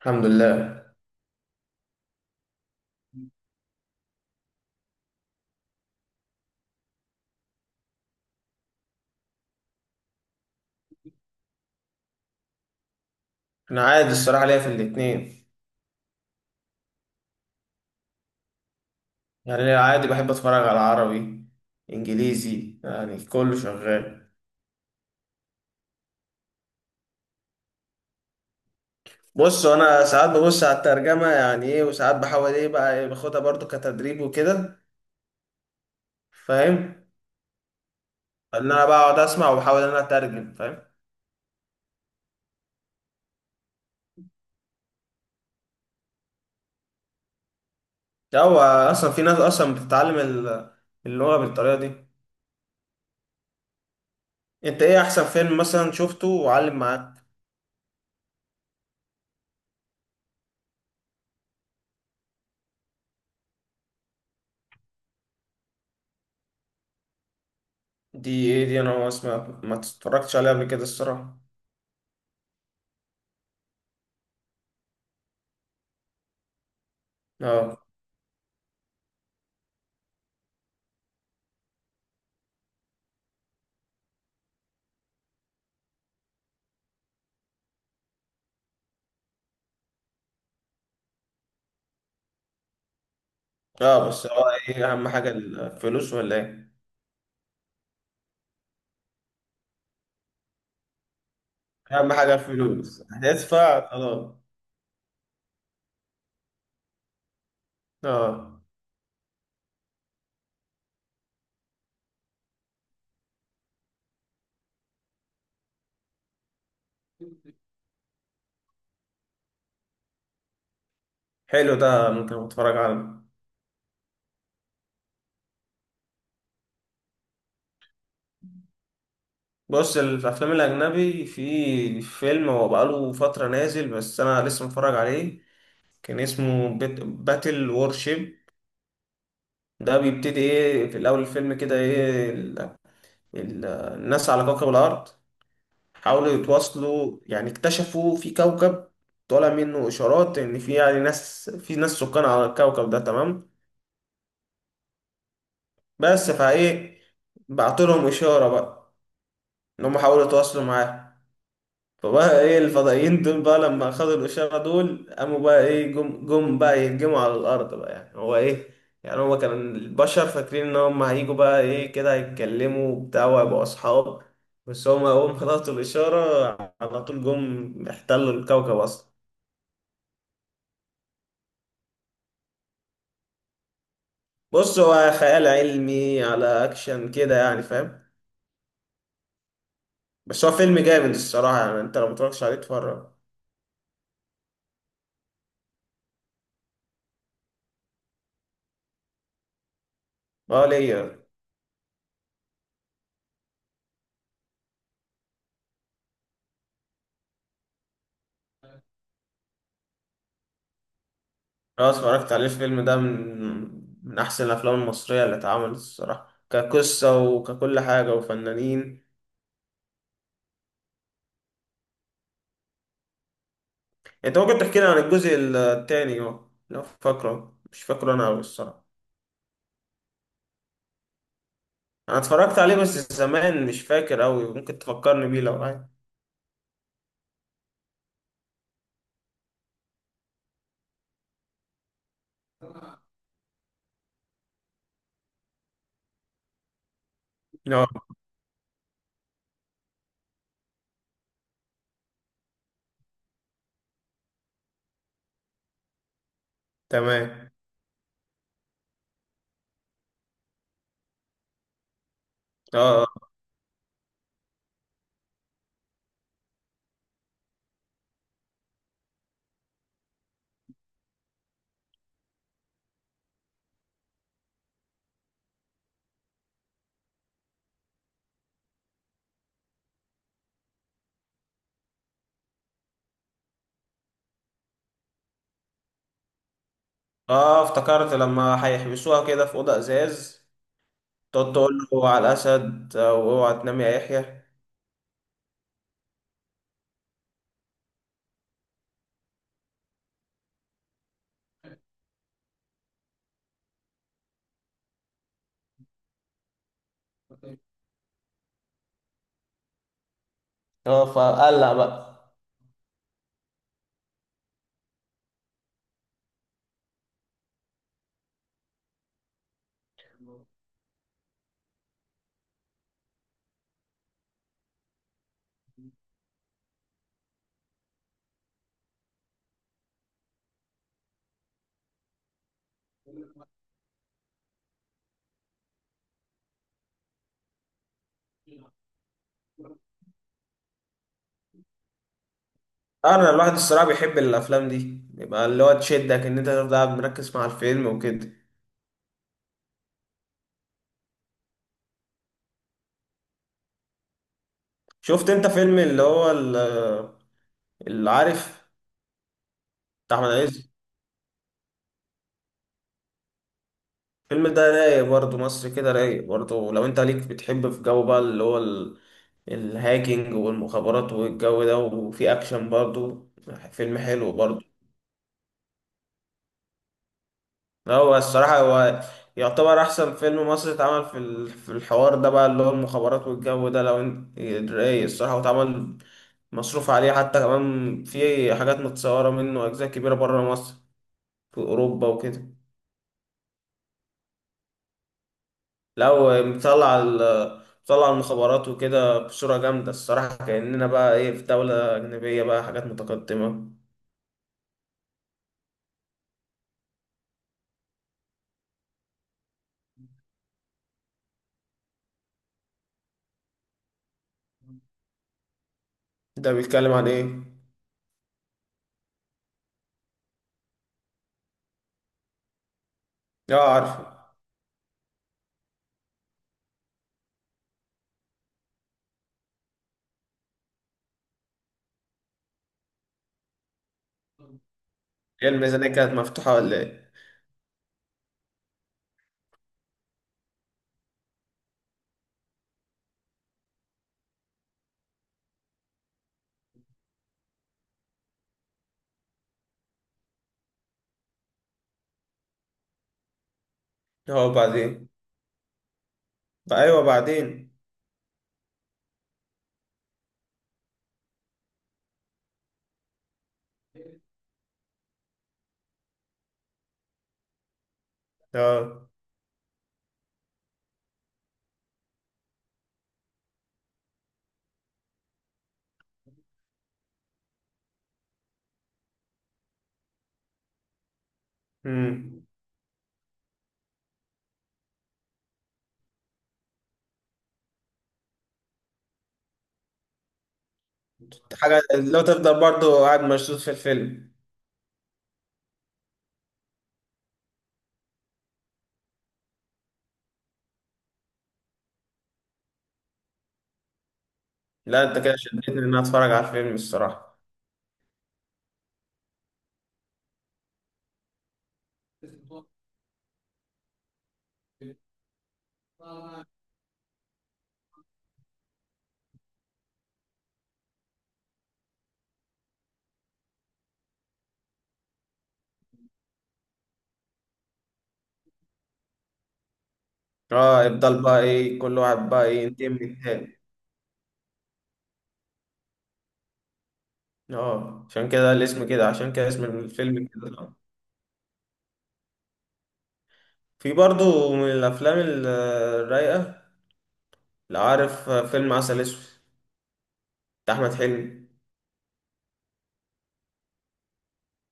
الحمد لله. انا عادي الصراحه ليا في الاتنين. يعني أنا عادي بحب اتفرج على عربي انجليزي، يعني كله شغال. بص انا ساعات ببص على الترجمه، يعني ايه، وساعات بحاول ايه بقى إيه باخدها برضو كتدريب وكده، فاهم؟ ان انا بقعد اسمع وبحاول ان انا اترجم، فاهم؟ ده هو اصلا في ناس اصلا بتتعلم اللغه بالطريقه دي. انت ايه احسن فيلم مثلا شفته وعلم معاك؟ دي ايه دي؟ انا ما اسمع ما اتفرجتش عليه قبل كده الصراحه. اه. اه بس هو ايه اهم حاجة الفلوس ولا ايه؟ اهم حاجة الفلوس هتدفع خلاص. اه، حلو، ده ممكن اتفرج عليه. بص، الافلام الاجنبي في فيلم هو بقاله فترة نازل بس انا لسه متفرج عليه، كان اسمه بيت باتل وورشيب. ده بيبتدي ايه في الاول الفيلم كده، ايه الناس على كوكب الارض حاولوا يتواصلوا، يعني اكتشفوا في كوكب طالع منه اشارات ان في يعني ناس، في ناس سكان على الكوكب ده، تمام. بس فايه بعت لهم اشاره بقى ان هم حاولوا يتواصلوا معاه. فبقى ايه الفضائيين دول بقى لما خدوا الاشاره دول قاموا بقى ايه، جم بقى يهجموا على الارض بقى. يعني هو ايه، يعني هو كان البشر فاكرين ان هم هيجوا بقى ايه كده، هيتكلموا وبتاع وهيبقوا اصحاب، بس هم اول ما خلصوا الاشاره على طول جم احتلوا الكوكب اصلا. بص هو خيال علمي على اكشن كده يعني، فاهم؟ بس هو فيلم جامد الصراحه، يعني انت لو متفرجتش عليه اتفرج. اه ليا. اه اتفرجت عليه الفيلم ده، من احسن الافلام المصريه اللي اتعملت الصراحه، كقصه وككل حاجه وفنانين. انت ممكن تحكي لي عن الجزء التاني؟ اه لو فاكره، مش فاكره انا قوي الصراحه. انا اتفرجت عليه بس زمان مش فاكر قوي، ممكن تفكرني بيه لو عايز. اه. تمام. اه. اه افتكرت لما هيحبسوها كده في اوضه ازاز، تقعد تقول له على الاسد آه، واوعى تنام يا يحيى. اه فقلق بقى. آه، انا الواحد الصراحه بيحب الافلام دي، بيبقى اللي هو تشدك ان انت تفضل قاعد مركز مع الفيلم وكده. شفت انت فيلم اللي هو اللي عارف، بتاع احمد عز؟ الفيلم ده رايق برضه، مصر كده رايق برضه لو انت ليك بتحب في جو بقى اللي هو الهاكينج والمخابرات والجو ده، وفي اكشن برضه، فيلم حلو برضه. هو الصراحة هو يعتبر أحسن فيلم مصري اتعمل في في الحوار ده بقى اللي هو المخابرات والجو ده لو انت رايق الصراحة، واتعمل مصروف عليه، حتى كمان في حاجات متصورة منه أجزاء كبيرة بره مصر، في أوروبا وكده. لو مطلع مطلع المخابرات وكده بصورة جامدة الصراحة، كأننا بقى إيه في دولة أجنبية بقى، حاجات متقدمة. ده بيتكلم عن إيه؟ آه عارفه. هي الميزانية كانت مفتوحة ولا إيه؟ هو بعدين. بقى أيوه بعدين. آه. امم حاجة لو تفضل برضو قاعد مشدود في الفيلم. لا انت كده شدتني ان انا اتفرج على الفيلم الصراحة. اه يفضل بقى ايه كل واحد بقى ايه ينتقم من التاني. اه عشان كده الاسم كده، عشان كده اسم الفيلم كده. في برضو من الافلام الرايقة، لو عارف فيلم عسل اسود بتاع احمد حلمي؟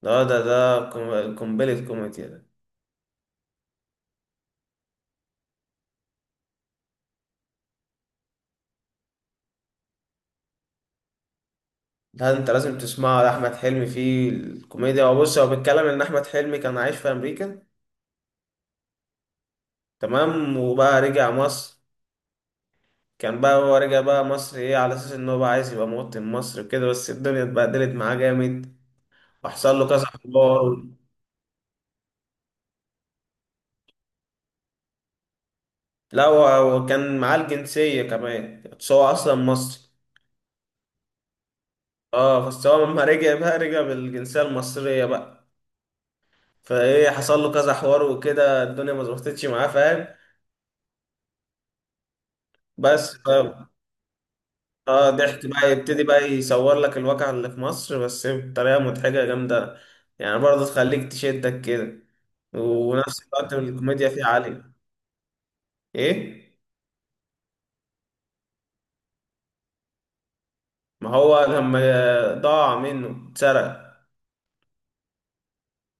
ده ده ده قنبلة كوميديا ده. ده انت لازم تسمعه، ده احمد حلمي فيه الكوميديا، وبص هو بيتكلم ان احمد حلمي كان عايش في امريكا. تمام، وبقى رجع مصر. كان بقى هو رجع بقى مصر ايه على اساس ان هو بقى عايز يبقى مواطن مصر وكده، بس الدنيا اتبهدلت معاه جامد، وحصل له كذا حوار. لا هو كان معاه الجنسية كمان بس هو اصلا مصري. اه بس هو لما رجع بقى رجع بالجنسية المصرية بقى، فايه حصل له كذا حوار وكده الدنيا ما ظبطتش معاه، فاهم؟ بس ف- اه ضحك بقى يبتدي بقى يصور لك الواقع اللي في مصر بس بطريقة مضحكة جامدة، يعني برضه تخليك تشدك كده. ونفس الوقت الكوميديا فيه عالية. ايه. ما هو لما ضاع منه اتسرق.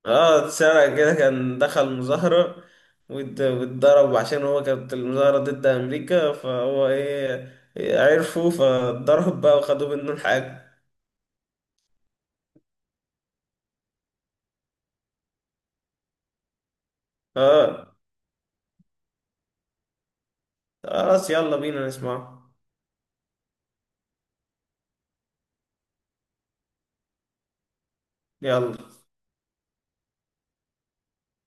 اه اتسرق كده، كان دخل مظاهرة واتضرب عشان هو كانت المظاهرة ضد أمريكا، فهو ايه إيه، عرفوا فاتضرب بقى وخدوا منه الحاجة. اه. آه، خلاص يلا بينا نسمعه. يلا.